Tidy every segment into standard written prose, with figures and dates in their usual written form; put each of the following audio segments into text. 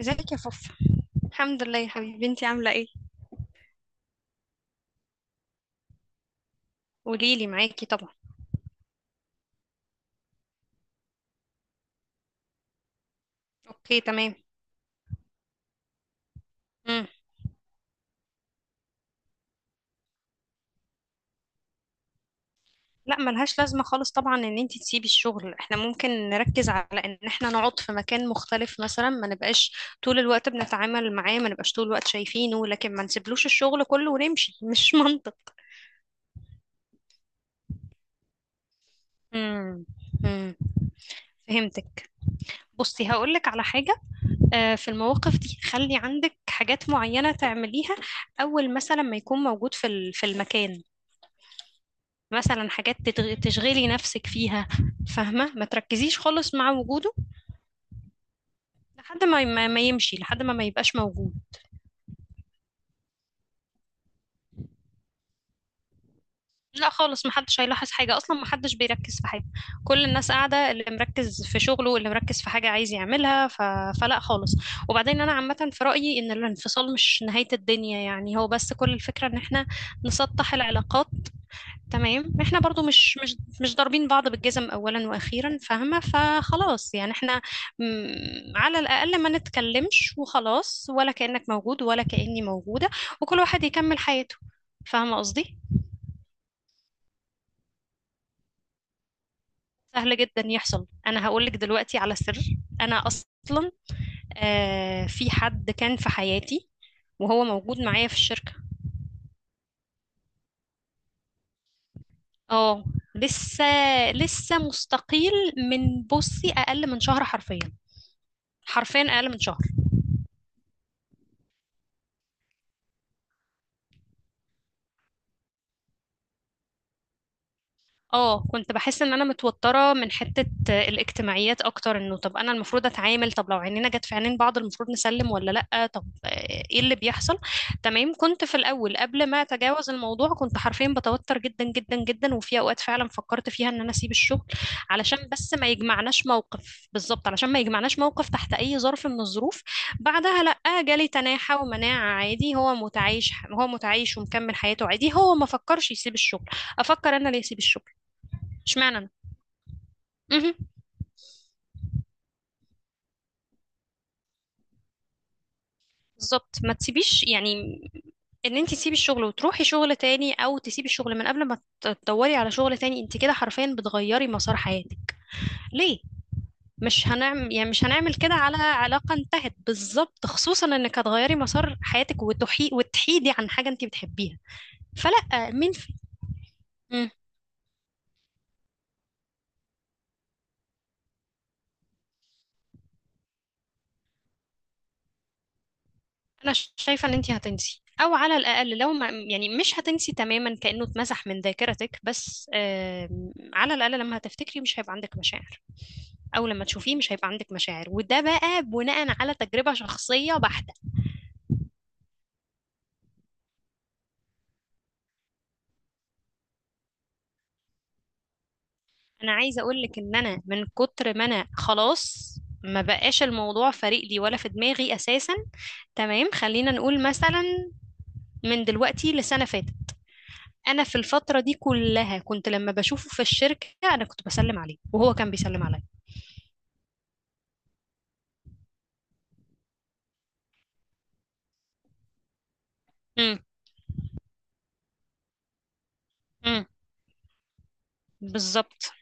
ازيك يا فوفا؟ الحمد لله يا حبيبي، انتي عامله ايه؟ قوليلي، معاكي طبعا. اوكي تمام. مم. لا، ملهاش لازمه خالص طبعا ان انتي تسيبي الشغل. احنا ممكن نركز على ان احنا نقعد في مكان مختلف، مثلا ما نبقاش طول الوقت بنتعامل معاه، ما نبقاش طول الوقت شايفينه، لكن ما نسيبلوش الشغل كله ونمشي مش منطق. مم. مم. فهمتك. بصي، هقولك على حاجة. في المواقف دي خلي عندك حاجات معينة تعمليها. أول مثلا ما يكون موجود في في المكان. مثلا حاجات تشغلي نفسك فيها، فاهمة؟ ما تركزيش خالص مع وجوده. لحد ما يمشي، لحد ما يبقاش موجود. لا خالص، محدش هيلاحظ حاجة، أصلا محدش بيركز في حاجة. كل الناس قاعدة، اللي مركز في شغله، اللي مركز في حاجة عايز يعملها. فلا خالص. وبعدين أنا عامة في رأيي إن الانفصال مش نهاية الدنيا، يعني هو بس كل الفكرة إن احنا نسطح العلاقات. تمام، احنا برضو مش ضاربين بعض بالجزم اولا واخيرا، فاهمه؟ فخلاص يعني احنا، على الاقل ما نتكلمش وخلاص، ولا كانك موجود ولا كاني موجوده، وكل واحد يكمل حياته. فاهمه قصدي؟ سهل جدا يحصل. انا هقول لك دلوقتي على سر. انا اصلا في حد كان في حياتي وهو موجود معايا في الشركه. اه. لسه لسه مستقيل من، بصي، اقل من شهر حرفيا. حرفيا اقل من شهر. اه، كنت بحس ان انا متوتره من حته الاجتماعيات اكتر. انه طب انا المفروض اتعامل، طب لو عينينا جت في عينين بعض المفروض نسلم ولا لا؟ طب ايه اللي بيحصل؟ تمام، كنت في الاول قبل ما اتجاوز الموضوع كنت حرفيا بتوتر جدا جدا جدا، وفي اوقات فعلا فكرت فيها ان انا اسيب الشغل، علشان بس ما يجمعناش موقف. بالظبط، علشان ما يجمعناش موقف تحت اي ظرف من الظروف. بعدها لا، جالي تناحة ومناعة عادي. هو متعايش، هو متعايش ومكمل حياته عادي، هو ما فكرش يسيب الشغل. افكر انا ليه اسيب الشغل؟ اشمعنى انا؟ مهم. بالظبط، ما تسيبيش يعني. ان انت تسيبي الشغل وتروحي شغل تاني، او تسيبي الشغل من قبل ما تدوري على شغل تاني، انت كده حرفيا بتغيري مسار حياتك. ليه؟ مش هنعمل، يعني مش هنعمل كده على علاقة انتهت. بالظبط، خصوصا انك هتغيري مسار حياتك وتحيدي عن حاجة انت بتحبيها. فلا، مين في. مم. انا شايفة ان انت هتنسي، او على الاقل لو ما، يعني مش هتنسي تماما كأنه اتمسح من ذاكرتك، بس على الاقل لما هتفتكري مش هيبقى عندك مشاعر. اول لما تشوفيه مش هيبقى عندك مشاعر، وده بقى بناء على تجربة شخصية بحتة. انا عايزة اقول لك ان انا من كتر ما انا خلاص، ما بقاش الموضوع فارق لي ولا في دماغي اساسا. تمام، خلينا نقول مثلا من دلوقتي لسنة فاتت، انا في الفترة دي كلها كنت لما بشوفه في الشركة انا كنت بسلم عليه وهو كان بيسلم عليا. امم. امم. بالظبط.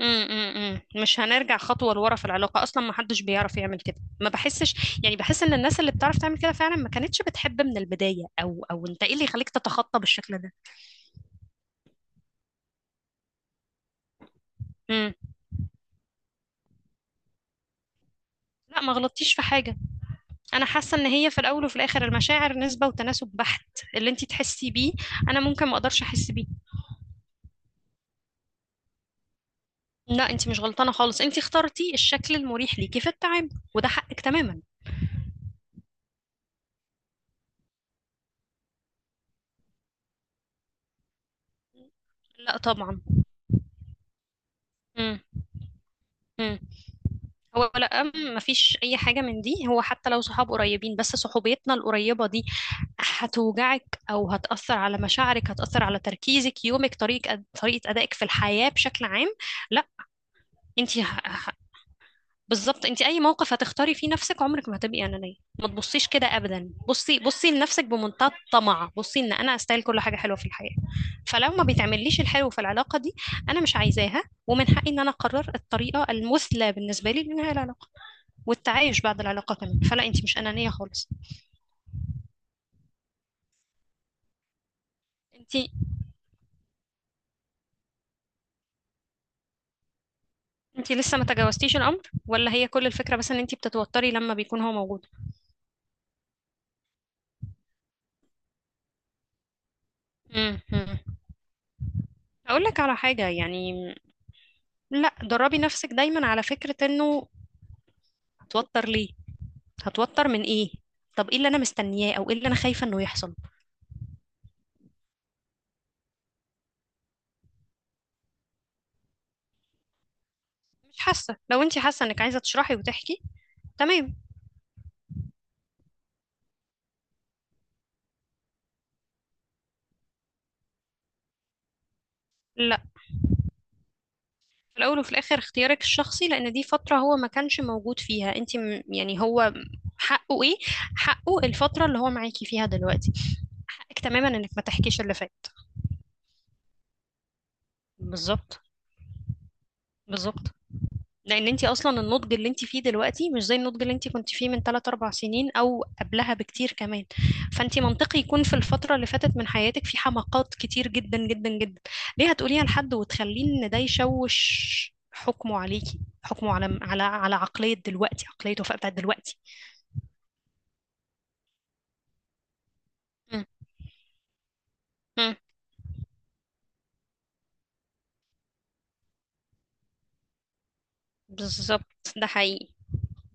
امم. امم. مش هنرجع خطوة لورا في العلاقة أصلا، ما حدش بيعرف يعمل كده، ما بحسش، يعني بحس إن الناس اللي بتعرف تعمل كده فعلا ما كانتش بتحب من البداية. أو أنت إيه اللي يخليك تتخطى بالشكل ده؟ امم. لا، ما غلطتيش في حاجة. أنا حاسة إن هي في الأول وفي الآخر المشاعر نسبة وتناسب بحت. اللي أنت تحسي بيه أنا ممكن ما أقدرش أحس بيه. لا، أنت مش غلطانة خالص، أنت اخترتي الشكل المريح ليكي في التعامل، وده حقك تماما. لا طبعا. امم. هو لا، مفيش اي حاجه من دي. هو حتى لو صحاب قريبين، بس صحوبيتنا القريبه دي هتوجعك او هتاثر على مشاعرك، هتاثر على تركيزك، يومك، طريقه طريقه ادائك في الحياه بشكل عام. لا. انت بالظبط، انت اي موقف هتختاري فيه نفسك عمرك ما هتبقي انانيه. ما تبصيش كده ابدا. بصي، بصي لنفسك بمنتهى الطمع. بصي ان انا استاهل كل حاجه حلوه في الحياه، فلو ما بيتعمليش الحلو في العلاقه دي انا مش عايزاها. ومن حقي ان انا اقرر الطريقه المثلى بالنسبه لي لانهاء العلاقه والتعايش بعد العلاقة كمان. فلا، انت مش أنانية خالص. انت انت لسه ما تجاوزتيش الأمر، ولا هي كل الفكرة بس ان انت بتتوتري لما بيكون هو موجود؟ امم. أقول لك على حاجة يعني. لا، دربي نفسك دايما على فكرة انه هتوتر ليه؟ هتوتر من ايه؟ طب ايه اللي انا مستنياه، او ايه اللي انا خايفة انه يحصل؟ مش حاسة. لو انت حاسة انك عايزة تشرحي وتحكي، تمام. لا، في الأول وفي الآخر اختيارك الشخصي، لأن دي فترة هو ما كانش موجود فيها. انت يعني هو حقه ايه؟ حقه الفترة اللي هو معاكي فيها دلوقتي. حقك تماما انك ما تحكيش اللي فات. بالظبط. بالظبط. لان انت اصلا النضج اللي انت فيه دلوقتي مش زي النضج اللي انت كنت فيه من 3 4 سنين او قبلها بكتير كمان. فانت منطقي يكون في الفتره اللي فاتت من حياتك في حماقات كتير جدا جدا جدا. ليه هتقوليها لحد وتخليه ان ده يشوش حكمه عليكي، حكمه على عقليه دلوقتي، عقليه وفاء بتاعت دلوقتي. م- م. بالظبط، ده حقيقي،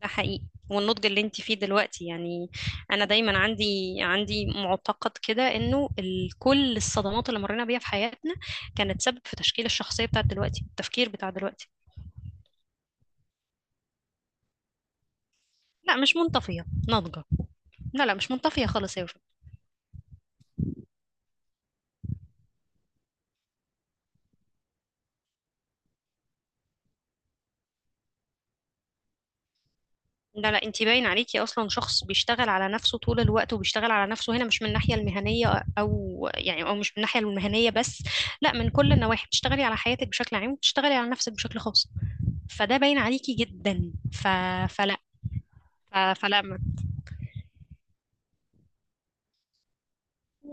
ده حقيقي. والنضج اللي انت فيه دلوقتي يعني، انا دايما عندي معتقد كده انه كل الصدمات اللي مرينا بيها في حياتنا كانت سبب في تشكيل الشخصية بتاعت دلوقتي، التفكير بتاع دلوقتي. لا، مش منطفية، ناضجة. لا لا، مش منطفية خالص يا وفاء. لا لا، انت باين عليكي اصلا شخص بيشتغل على نفسه طول الوقت، وبيشتغل على نفسه هنا مش من الناحية المهنية، او يعني، او مش من الناحية المهنية بس، لا، من كل النواحي. بتشتغلي على حياتك بشكل عام وبتشتغلي على نفسك بشكل خاص، فده باين عليكي جدا. فلا. فلما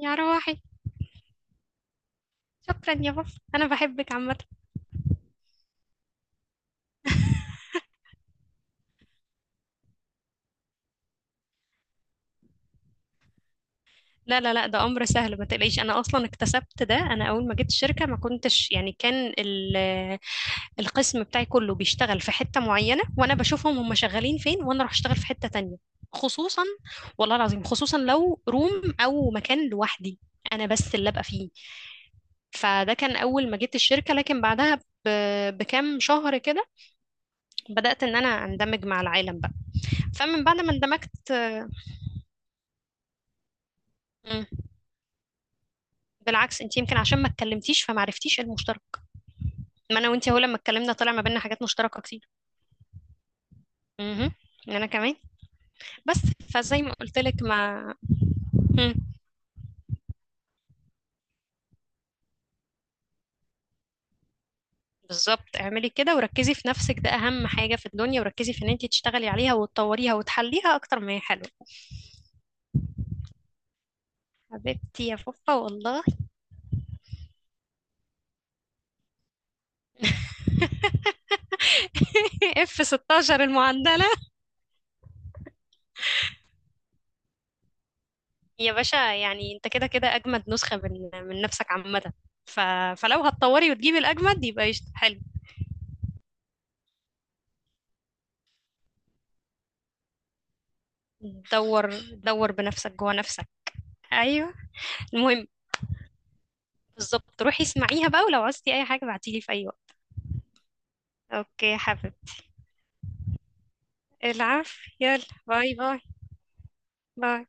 يا روحي، شكرا يا بابا، انا بحبك عامه. لا لا لا، ده امر سهل، ما تقلقيش. انا اصلا اكتسبت ده. انا اول ما جيت الشركه ما كنتش، يعني، كان ال- القسم بتاعي كله بيشتغل في حته معينه، وانا بشوفهم هم شغالين فين، وانا اروح اشتغل في حته تانية. خصوصا، والله العظيم خصوصا لو روم او مكان لوحدي انا بس اللي ابقى فيه. فده كان اول ما جيت الشركه، لكن بعدها بكام شهر كده بدات ان انا اندمج مع العالم بقى. فمن بعد ما اندمجت، مم. بالعكس، انت يمكن عشان ما اتكلمتيش فما عرفتيش إيه المشترك. ما انا وانت هو لما اتكلمنا طلع ما بيننا حاجات مشتركه كتير. امم، انا كمان. بس، فزي ما قلت لك، ما. مم. بالظبط، اعملي كده وركزي في نفسك، ده اهم حاجه في الدنيا. وركزي في ان انت تشتغلي عليها وتطوريها وتحليها اكتر ما هي حلوه. حبيبتي يا فوفا والله. اف 16 المعدل. يا باشا، يعني انت كده كده اجمد نسخة من نفسك عامة. ف... فلو هتطوري وتجيبي الاجمد يبقى قشطة، حلو. دور، دور بنفسك جوه نفسك. ايوه. المهم، بالظبط، روحي اسمعيها بقى، ولو عوزتي اي حاجة بعتيلي في اي وقت. اوكي يا حبيبي، العفو، يلا، باي باي. باي.